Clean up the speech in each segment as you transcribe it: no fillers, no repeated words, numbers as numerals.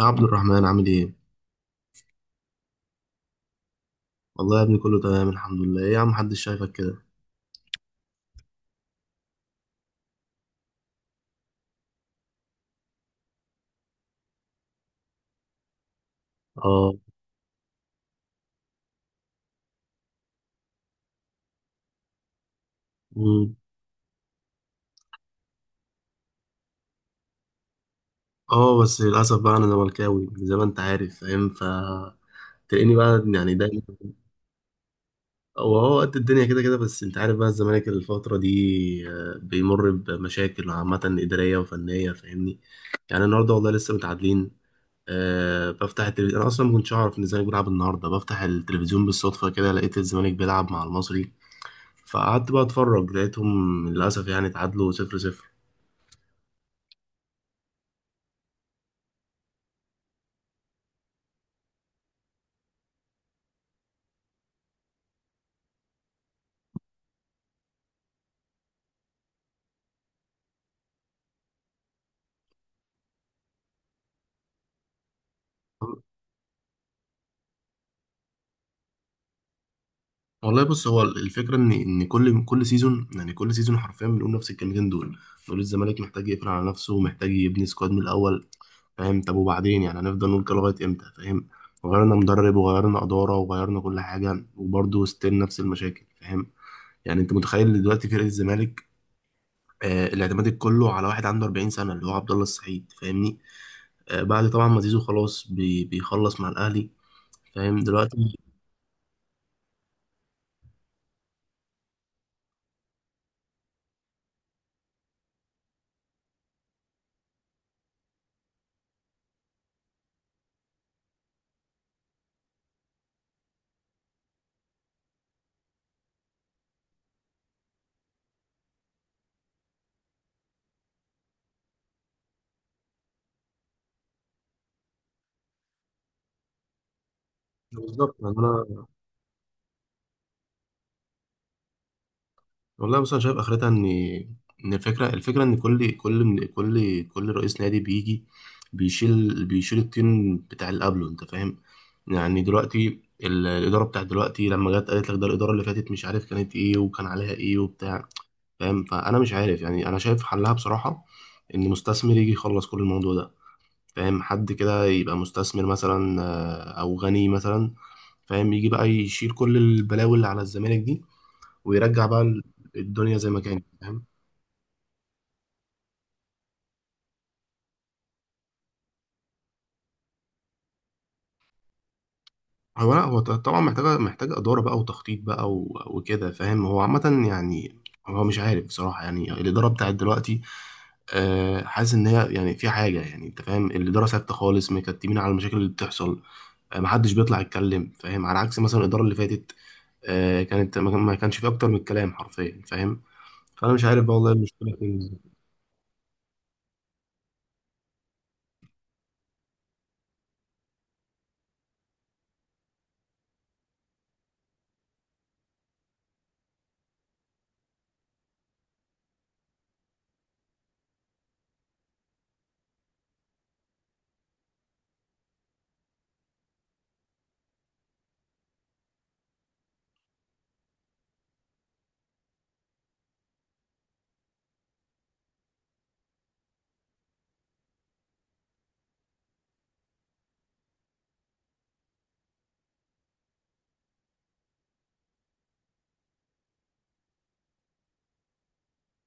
يا عبد الرحمن عامل ايه؟ والله يا ابني كله تمام الحمد لله، ايه يا عم محدش شايفك كده؟ اه. مم. اه بس للأسف بقى أنا زملكاوي زي ما أنت عارف فاهم. تلاقيني بقى يعني دايما. هو قد الدنيا كده كده، بس أنت عارف بقى الزمالك الفترة دي بيمر بمشاكل عامة إدارية وفنية، فاهمني؟ يعني النهاردة والله لسه متعادلين. بفتح التلفزيون أنا أصلا ما كنتش أعرف إن الزمالك بيلعب النهاردة، بفتح التلفزيون بالصدفة كده لقيت الزمالك بيلعب مع المصري. فقعدت بقى اتفرج لقيتهم للاسف يعني اتعادلوا صفر صفر. والله بص هو الفكره ان كل سيزون، يعني كل سيزون حرفيا بنقول نفس الكلمتين دول. بنقول الزمالك محتاج يقفل على نفسه، محتاج يبني سكواد من الاول، فاهم؟ طب وبعدين يعني هنفضل نقول كده لغايه امتى، فاهم؟ غيرنا مدرب وغيرنا اداره وغيرنا كل حاجه وبرضه ستيل نفس المشاكل، فاهم؟ يعني انت متخيل دلوقتي فرقه الزمالك؟ الاعتماد كله على واحد عنده 40 سنه اللي هو عبد الله السعيد، فاهمني؟ بعد طبعا ما زيزو خلاص بيخلص مع الاهلي، فاهم دلوقتي؟ بالظبط يعني انا، والله بص انا شايف اخرتها ان، ان الفكره ان كل رئيس نادي بيجي بيشيل التيم بتاع اللي قبله انت فاهم. يعني دلوقتي الاداره بتاعت دلوقتي لما جت قالت لك ده الاداره اللي فاتت مش عارف كانت ايه وكان عليها ايه وبتاع، فاهم؟ فانا مش عارف، يعني انا شايف حلها بصراحه ان مستثمر يجي يخلص كل الموضوع ده، فاهم؟ حد كده يبقى مستثمر مثلا او غني مثلا، فاهم؟ يجي بقى يشيل كل البلاوي اللي على الزمالك دي ويرجع بقى الدنيا زي ما كانت، فاهم؟ هو لا هو طبعا محتاجة محتاجة إدارة بقى وتخطيط بقى وكده، فاهم؟ هو عامة يعني هو مش عارف بصراحة، يعني الإدارة بتاعت دلوقتي حاسس إن هي يعني في حاجة، يعني أنت فاهم الإدارة ساكتة خالص مكتمين على المشاكل اللي بتحصل. محدش بيطلع يتكلم، فاهم، على عكس مثلا الإدارة اللي فاتت. كانت ما كانش فيه أكتر من الكلام حرفيا، فاهم؟ فأنا مش عارف بقى والله المشكلة فين.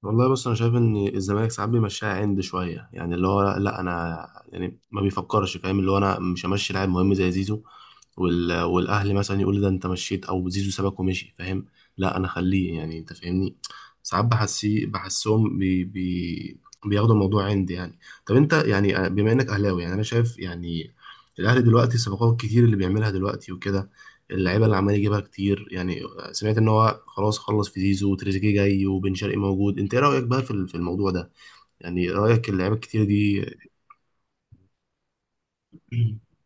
والله بص انا شايف ان الزمالك ساعات بيمشيها عند شويه، يعني اللي هو لا انا يعني ما بيفكرش، فاهم، اللي هو انا مش همشي لاعب مهم زي زيزو والاهلي مثلا يقول لي ده انت مشيت او زيزو سابك ومشي، فاهم؟ لا انا خليه، يعني انت فاهمني. ساعات بحسهم بياخدوا الموضوع عندي يعني. طب انت يعني بما انك اهلاوي، يعني انا شايف يعني الاهلي دلوقتي الصفقات الكتير اللي بيعملها دلوقتي وكده، اللعيبه اللي عمال يجيبها كتير يعني. سمعت ان هو خلاص خلص في زيزو وتريزيجيه جاي وبن شرقي موجود، انت ايه رايك بقى في في الموضوع ده؟ يعني رايك اللعيبه الكتير دي؟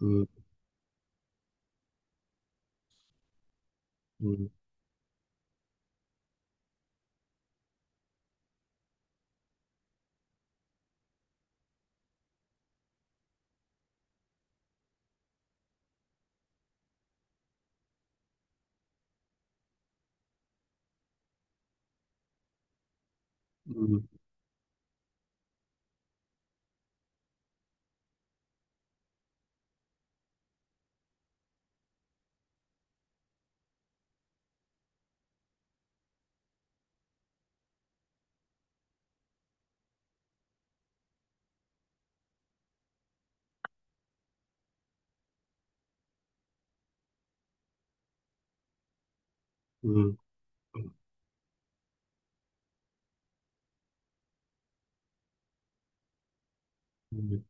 مم. مم. مم. مم. مم.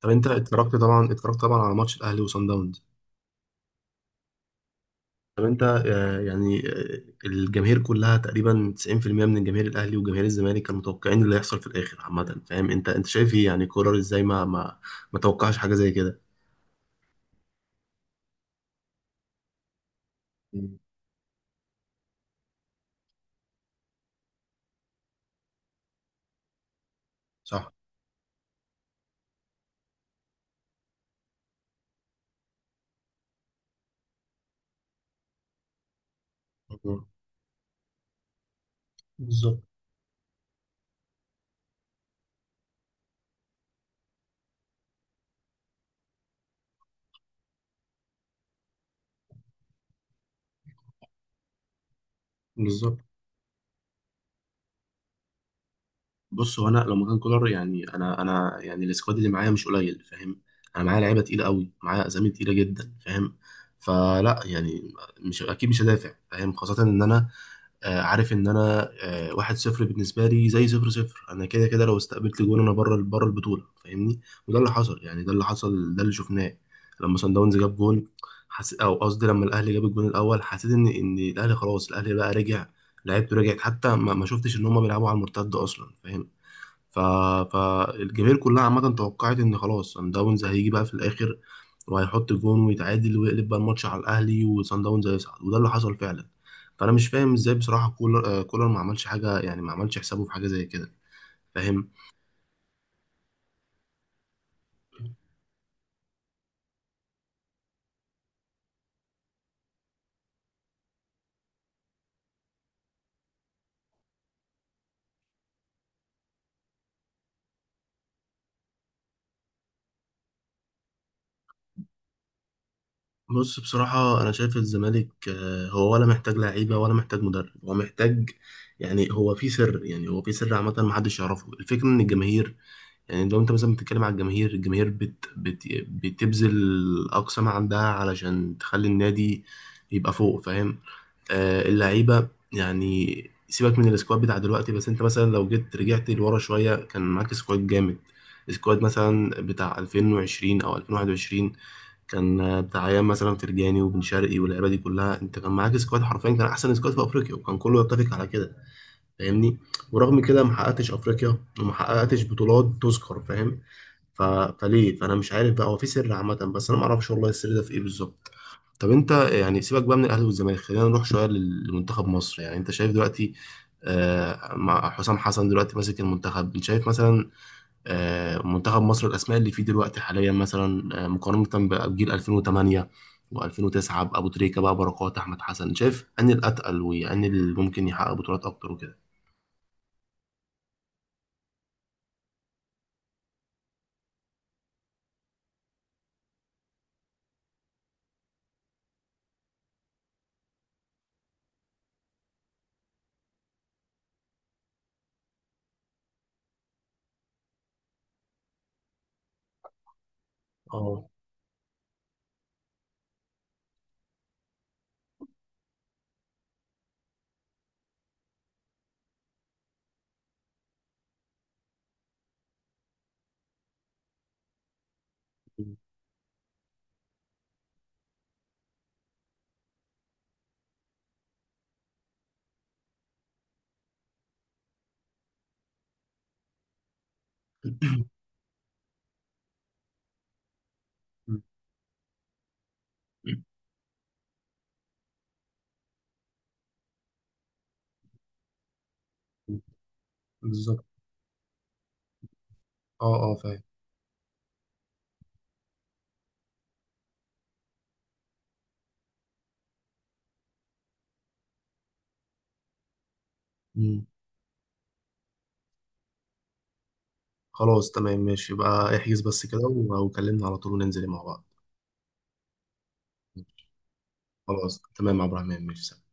طب انت اتفرجت طبعا، اتفرجت طبعا على ماتش الاهلي وصن داونز. طب انت الجماهير كلها تقريبا 90% من الجماهير الاهلي وجماهير الزمالك كانوا متوقعين اللي هيحصل في الاخر عامه، فاهم؟ انت انت شايف ايه يعني؟ كولر ازاي ما توقعش حاجه زي كده؟ مم. صح. مم. بالظبط. بالظبط. بص هو انا لو مكان كولر، يعني انا يعني السكواد اللي معايا مش قليل، فاهم؟ انا معايا لعيبه تقيله قوي، معايا اسامي تقيله جدا، فاهم؟ فلا يعني مش اكيد مش هدافع، فاهم؟ خاصه ان انا عارف ان انا واحد صفر بالنسبه لي زي صفر صفر، انا كده كده لو استقبلت جون انا بره بره البطوله، فاهمني؟ وده اللي حصل، يعني ده اللي حصل، ده اللي شفناه لما صن داونز جاب جون. او قصدي لما الاهلي جاب الجون الاول حسيت ان الاهلي خلاص، الاهلي بقى رجع، لعيبته رجعت، حتى ما شفتش ان هم بيلعبوا على المرتد اصلا، فاهم؟ ف... فالجماهير كلها عامة توقعت إن خلاص سان داونز هيجي بقى في الآخر وهيحط جون ويتعادل ويقلب بقى الماتش على الأهلي، وسان داونز هيصعد، وده اللي حصل فعلا. فأنا مش فاهم إزاي بصراحة كولر كولر ما عملش حاجة، يعني ما عملش حسابه في حاجة زي كده، فاهم؟ بص بصراحة أنا شايف الزمالك هو ولا محتاج لعيبة ولا محتاج مدرب، هو محتاج، يعني هو في سر، يعني هو في سر عامة محدش يعرفه. الفكرة إن الجماهير، يعني لو انت مثلا بتتكلم على الجماهير، الجماهير بت بت بتبذل اقصى ما عندها علشان تخلي النادي يبقى فوق، فاهم؟ آه اللعيبه يعني سيبك من السكواد بتاع دلوقتي، بس انت مثلا لو جيت رجعت لورا شويه كان معاك سكواد جامد. السكواد مثلا بتاع 2020 او 2021، كان بتاع ايام مثلا فرجاني وبن شرقي واللعيبه دي كلها، انت كان معاك سكواد حرفيا كان احسن سكواد في افريقيا وكان كله يتفق على كده، فاهمني؟ ورغم كده ما حققتش افريقيا وما حققتش بطولات تذكر، فاهم؟ ف... فليه؟ فانا مش عارف بقى، هو في سر عامه بس انا ما اعرفش والله السر ده في ايه بالظبط. طب انت يعني سيبك بقى من الاهلي والزمالك، خلينا نروح شويه لمنتخب مصر، يعني انت شايف دلوقتي مع حسام حسن دلوقتي ماسك المنتخب، انت شايف مثلا منتخب مصر الاسماء اللي فيه دلوقتي حاليا مثلا مقارنه بجيل 2008 و2009 ابو تريكه بقى بركات احمد حسن، شايف ان الاتقل وان اللي ممكن يحقق بطولات اكتر وكده؟ اه. مم. مم. بالظبط. اه اه فاهم. مم. خلاص تمام ماشي، يبقى احجز بس كده وكلمنا على طول وننزل مع بعض. خلاص تمام يا عبد الرحمن، ماشي، سلام.